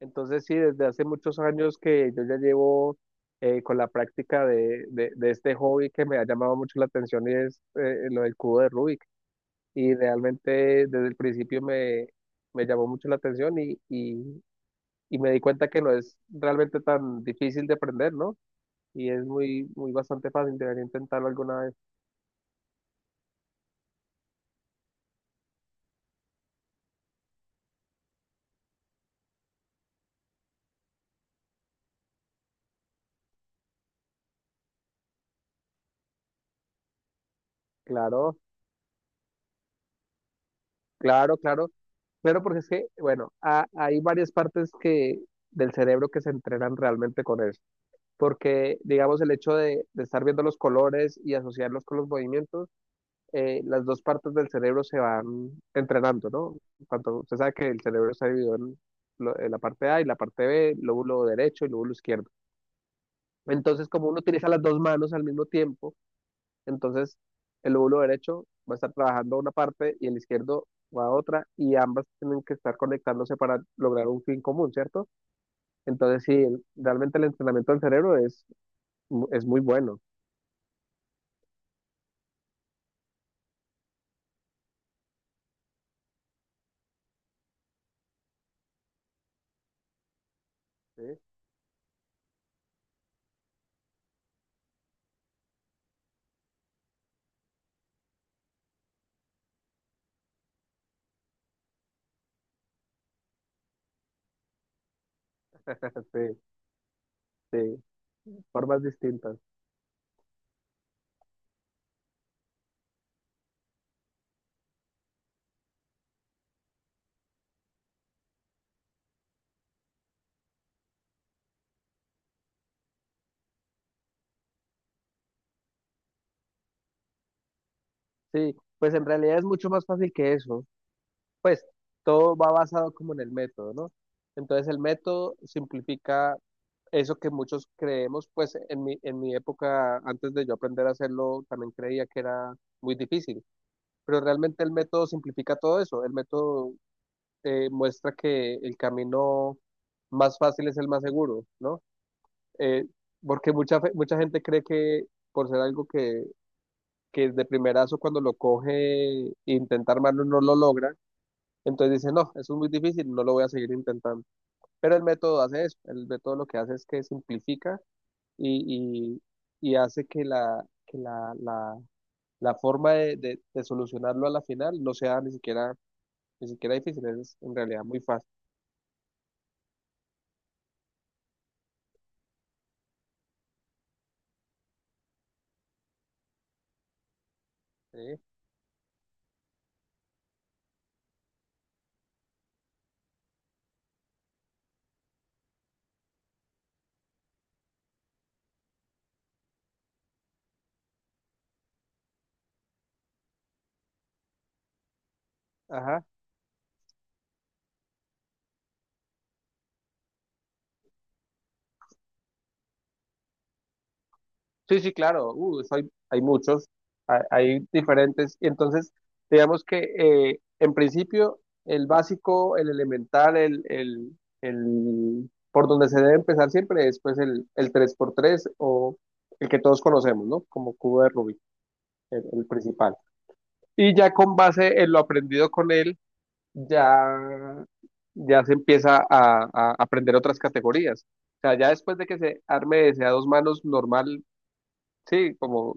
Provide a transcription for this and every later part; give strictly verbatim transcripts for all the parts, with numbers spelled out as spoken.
Entonces sí, desde hace muchos años que yo ya llevo eh, con la práctica de, de- de este hobby que me ha llamado mucho la atención y es eh, lo del cubo de Rubik. Y realmente desde el principio me, me llamó mucho la atención y, y, y me di cuenta que no es realmente tan difícil de aprender, ¿no? Y es muy, muy bastante fácil, debería intentarlo alguna vez. Claro, claro, claro. Claro, porque es que, bueno, ha- hay varias partes que, del cerebro que se entrenan realmente con eso. Porque digamos el hecho de, de, estar viendo los colores y asociarlos con los movimientos, eh, las dos partes del cerebro se van entrenando, ¿no? Tanto usted sabe que el cerebro está dividido en, lo, en la parte A y la parte B, lóbulo derecho y lóbulo izquierdo. Entonces, como uno utiliza las dos manos al mismo tiempo, entonces el lóbulo derecho va a estar trabajando una parte y el izquierdo va a otra y ambas tienen que estar conectándose para lograr un fin común, ¿cierto? Entonces, sí, el- realmente el entrenamiento del cerebro es, mu- es muy bueno. ¿Sí? Sí, sí, formas distintas. Sí, pues en realidad es mucho más fácil que eso. Pues todo va basado como en el método, ¿no? Entonces el método simplifica eso que muchos creemos, pues en mi, en mi época, antes de yo aprender a hacerlo, también creía que era muy difícil, pero realmente el método simplifica todo eso. El método eh, muestra que el camino más fácil es el más seguro, ¿no? Eh, porque mucha, fe- mucha gente cree que por ser algo que que de primerazo cuando lo coge, e intenta armarlo, no lo logra. Entonces dice, no, eso es muy difícil, no lo voy a seguir intentando. Pero el método hace eso, el método lo que hace es que simplifica y, y, y hace que la, que la, la, la forma de, de, de solucionarlo a la final no sea ni siquiera, ni siquiera difícil, es en realidad muy fácil. ¿Sí? Ajá. Sí, sí, claro, uh, eso hay, hay muchos, hay, hay diferentes. Y entonces, digamos que eh, en principio el básico, el elemental, el, el, el- por donde se debe empezar siempre es pues el, el tres por tres o el que todos conocemos, ¿no? Como cubo de Rubik, el, el principal. Y ya con base en lo aprendido con él, ya, ya se empieza a, a aprender otras categorías. O sea, ya después de que se arme ese a dos manos normal, sí, como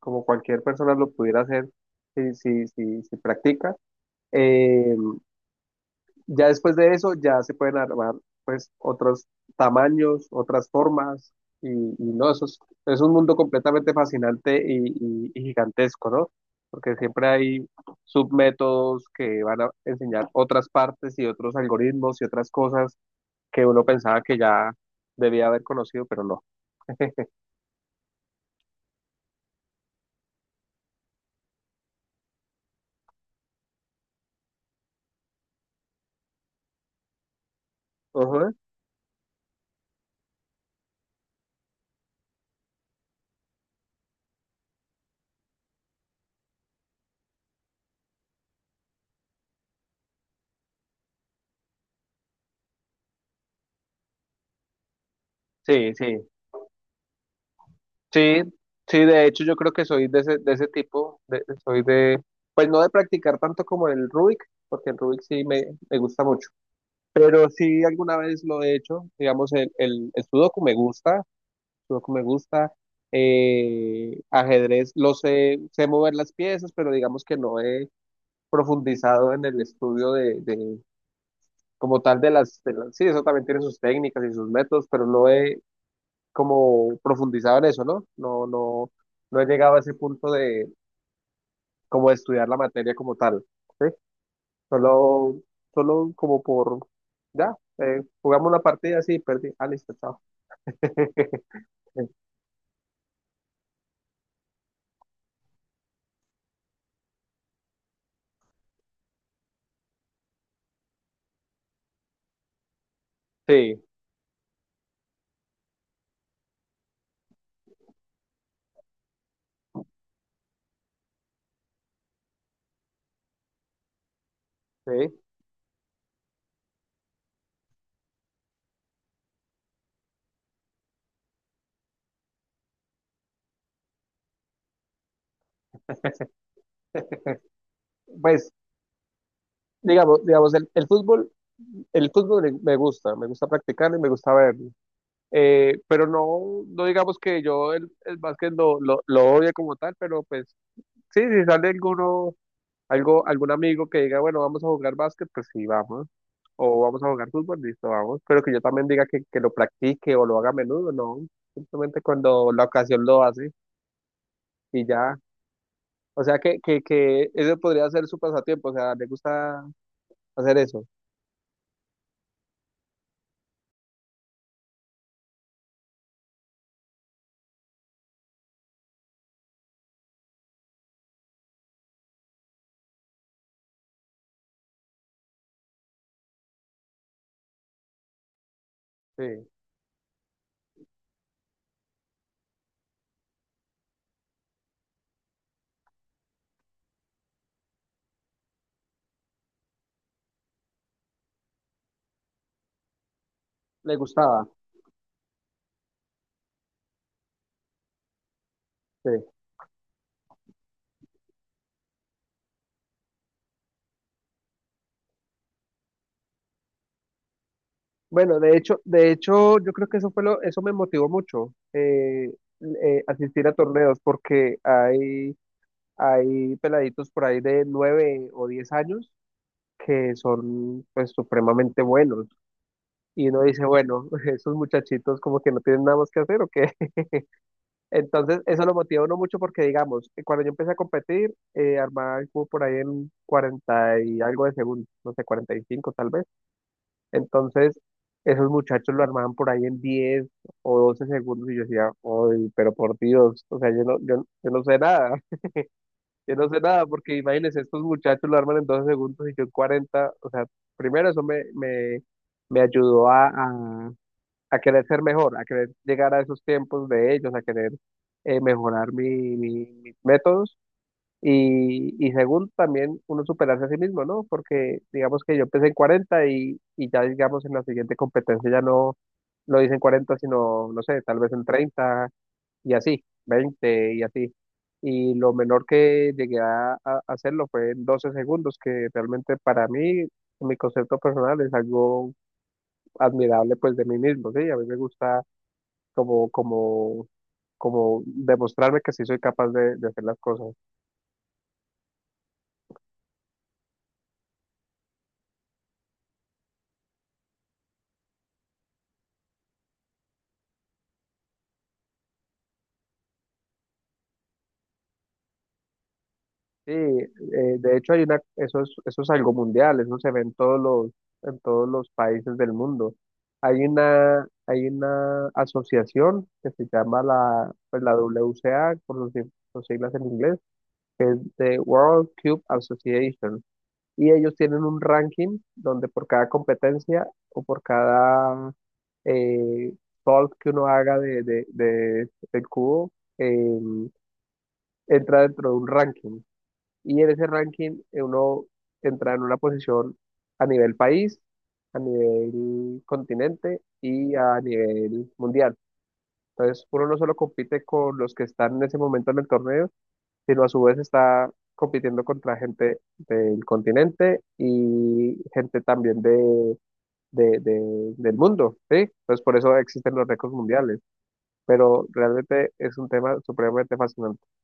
como cualquier persona lo pudiera hacer si, si, si, si practica. Eh, ya después de eso ya se pueden armar pues otros tamaños, otras formas y, y no, eso es, es un mundo completamente fascinante y, y- y gigantesco, ¿no? Porque siempre hay submétodos que van a enseñar otras partes y otros algoritmos y otras cosas que uno pensaba que ya debía haber conocido, pero no. Ujú. Sí, sí. Sí, sí, de hecho yo creo que soy de ese, de ese tipo, de- soy de, pues no de practicar tanto como el Rubik, porque el Rubik sí me, me gusta mucho, pero sí alguna vez lo he hecho, digamos el, el, el Sudoku me gusta, Sudoku me gusta, eh, ajedrez, lo sé, sé mover las piezas, pero digamos que no he profundizado en el estudio de, de como tal de las, de las, sí, eso también tiene sus técnicas y sus métodos, pero no he como profundizado en eso, ¿no? No, no, no he llegado a ese punto de como de estudiar la materia como tal, ¿sí? Solo, solo como por, ya, eh, jugamos una partida, así, perdí, ah, listo, chao. Sí, sí. Pues, digamos, digamos, el, el fútbol, el fútbol me me gusta, me gusta practicarlo y me gusta verlo. Eh, pero no, no digamos que yo el, el básquet lo, lo, lo odie como tal, pero pues sí, si sale alguno Algo, algún amigo que diga, bueno, vamos a jugar básquet, pues sí, vamos. O vamos a jugar fútbol, listo, vamos. Pero que yo también diga que, que lo practique o lo haga a menudo, no. Simplemente cuando la ocasión lo hace y ya. O sea que, que, que ese podría ser su pasatiempo, o sea, le gusta hacer eso. Sí, le gustaba, sí. Bueno, de hecho, de hecho, yo creo que eso fue lo, eso me motivó mucho, eh, eh, asistir a torneos, porque hay, hay peladitos por ahí de nueve o diez años que son pues supremamente buenos. Y uno dice, bueno, esos muchachitos como que no tienen nada más que hacer o qué. Entonces eso lo motiva a uno mucho porque digamos, eh, cuando yo empecé a competir, eh, armaba el cubo por ahí en cuarenta y algo de segundos, no sé, cuarenta y cinco tal vez. Entonces esos muchachos lo armaban por ahí en diez o doce segundos y yo decía, uy, pero por Dios, o sea, yo no, yo, yo no sé nada. Yo no sé nada, porque imagínense, estos muchachos lo arman en doce segundos y yo en cuarenta. O sea, primero eso me, me, me ayudó a, a, a querer ser mejor, a querer llegar a esos tiempos de ellos, a querer eh, mejorar mi, mi- mis métodos. Y, y segundo, también uno superarse a sí mismo, ¿no? Porque digamos que yo empecé en cuarenta y, y ya digamos en la siguiente competencia ya no lo hice en cuarenta sino, no sé, tal vez en treinta y así, veinte y así. Y lo menor que llegué a, a hacerlo fue en doce segundos, que realmente para mí, mi concepto personal es algo admirable pues de mí mismo, ¿sí? A mí me gusta como, como, como demostrarme que sí soy capaz de, de hacer las cosas. Sí, eh, de hecho hay una, eso es, eso es algo mundial, eso se ve en todos los, en todos los países del mundo. Hay una, hay una asociación que se llama la, pues la W C A, por sus, sig- sus siglas en inglés, que es the World Cube Association. Y ellos tienen un ranking donde por cada competencia o por cada eh, solve que uno haga de, de, de- del cubo, eh, entra dentro de un ranking. Y en ese ranking eh, uno entra en una posición a nivel país, a nivel continente y a nivel mundial. Entonces uno no solo compite con los que están en ese momento en el torneo, sino a su vez está compitiendo contra gente del continente y gente también de, de- de- del mundo, ¿sí? Entonces por eso existen los récords mundiales, pero realmente es un tema supremamente fascinante.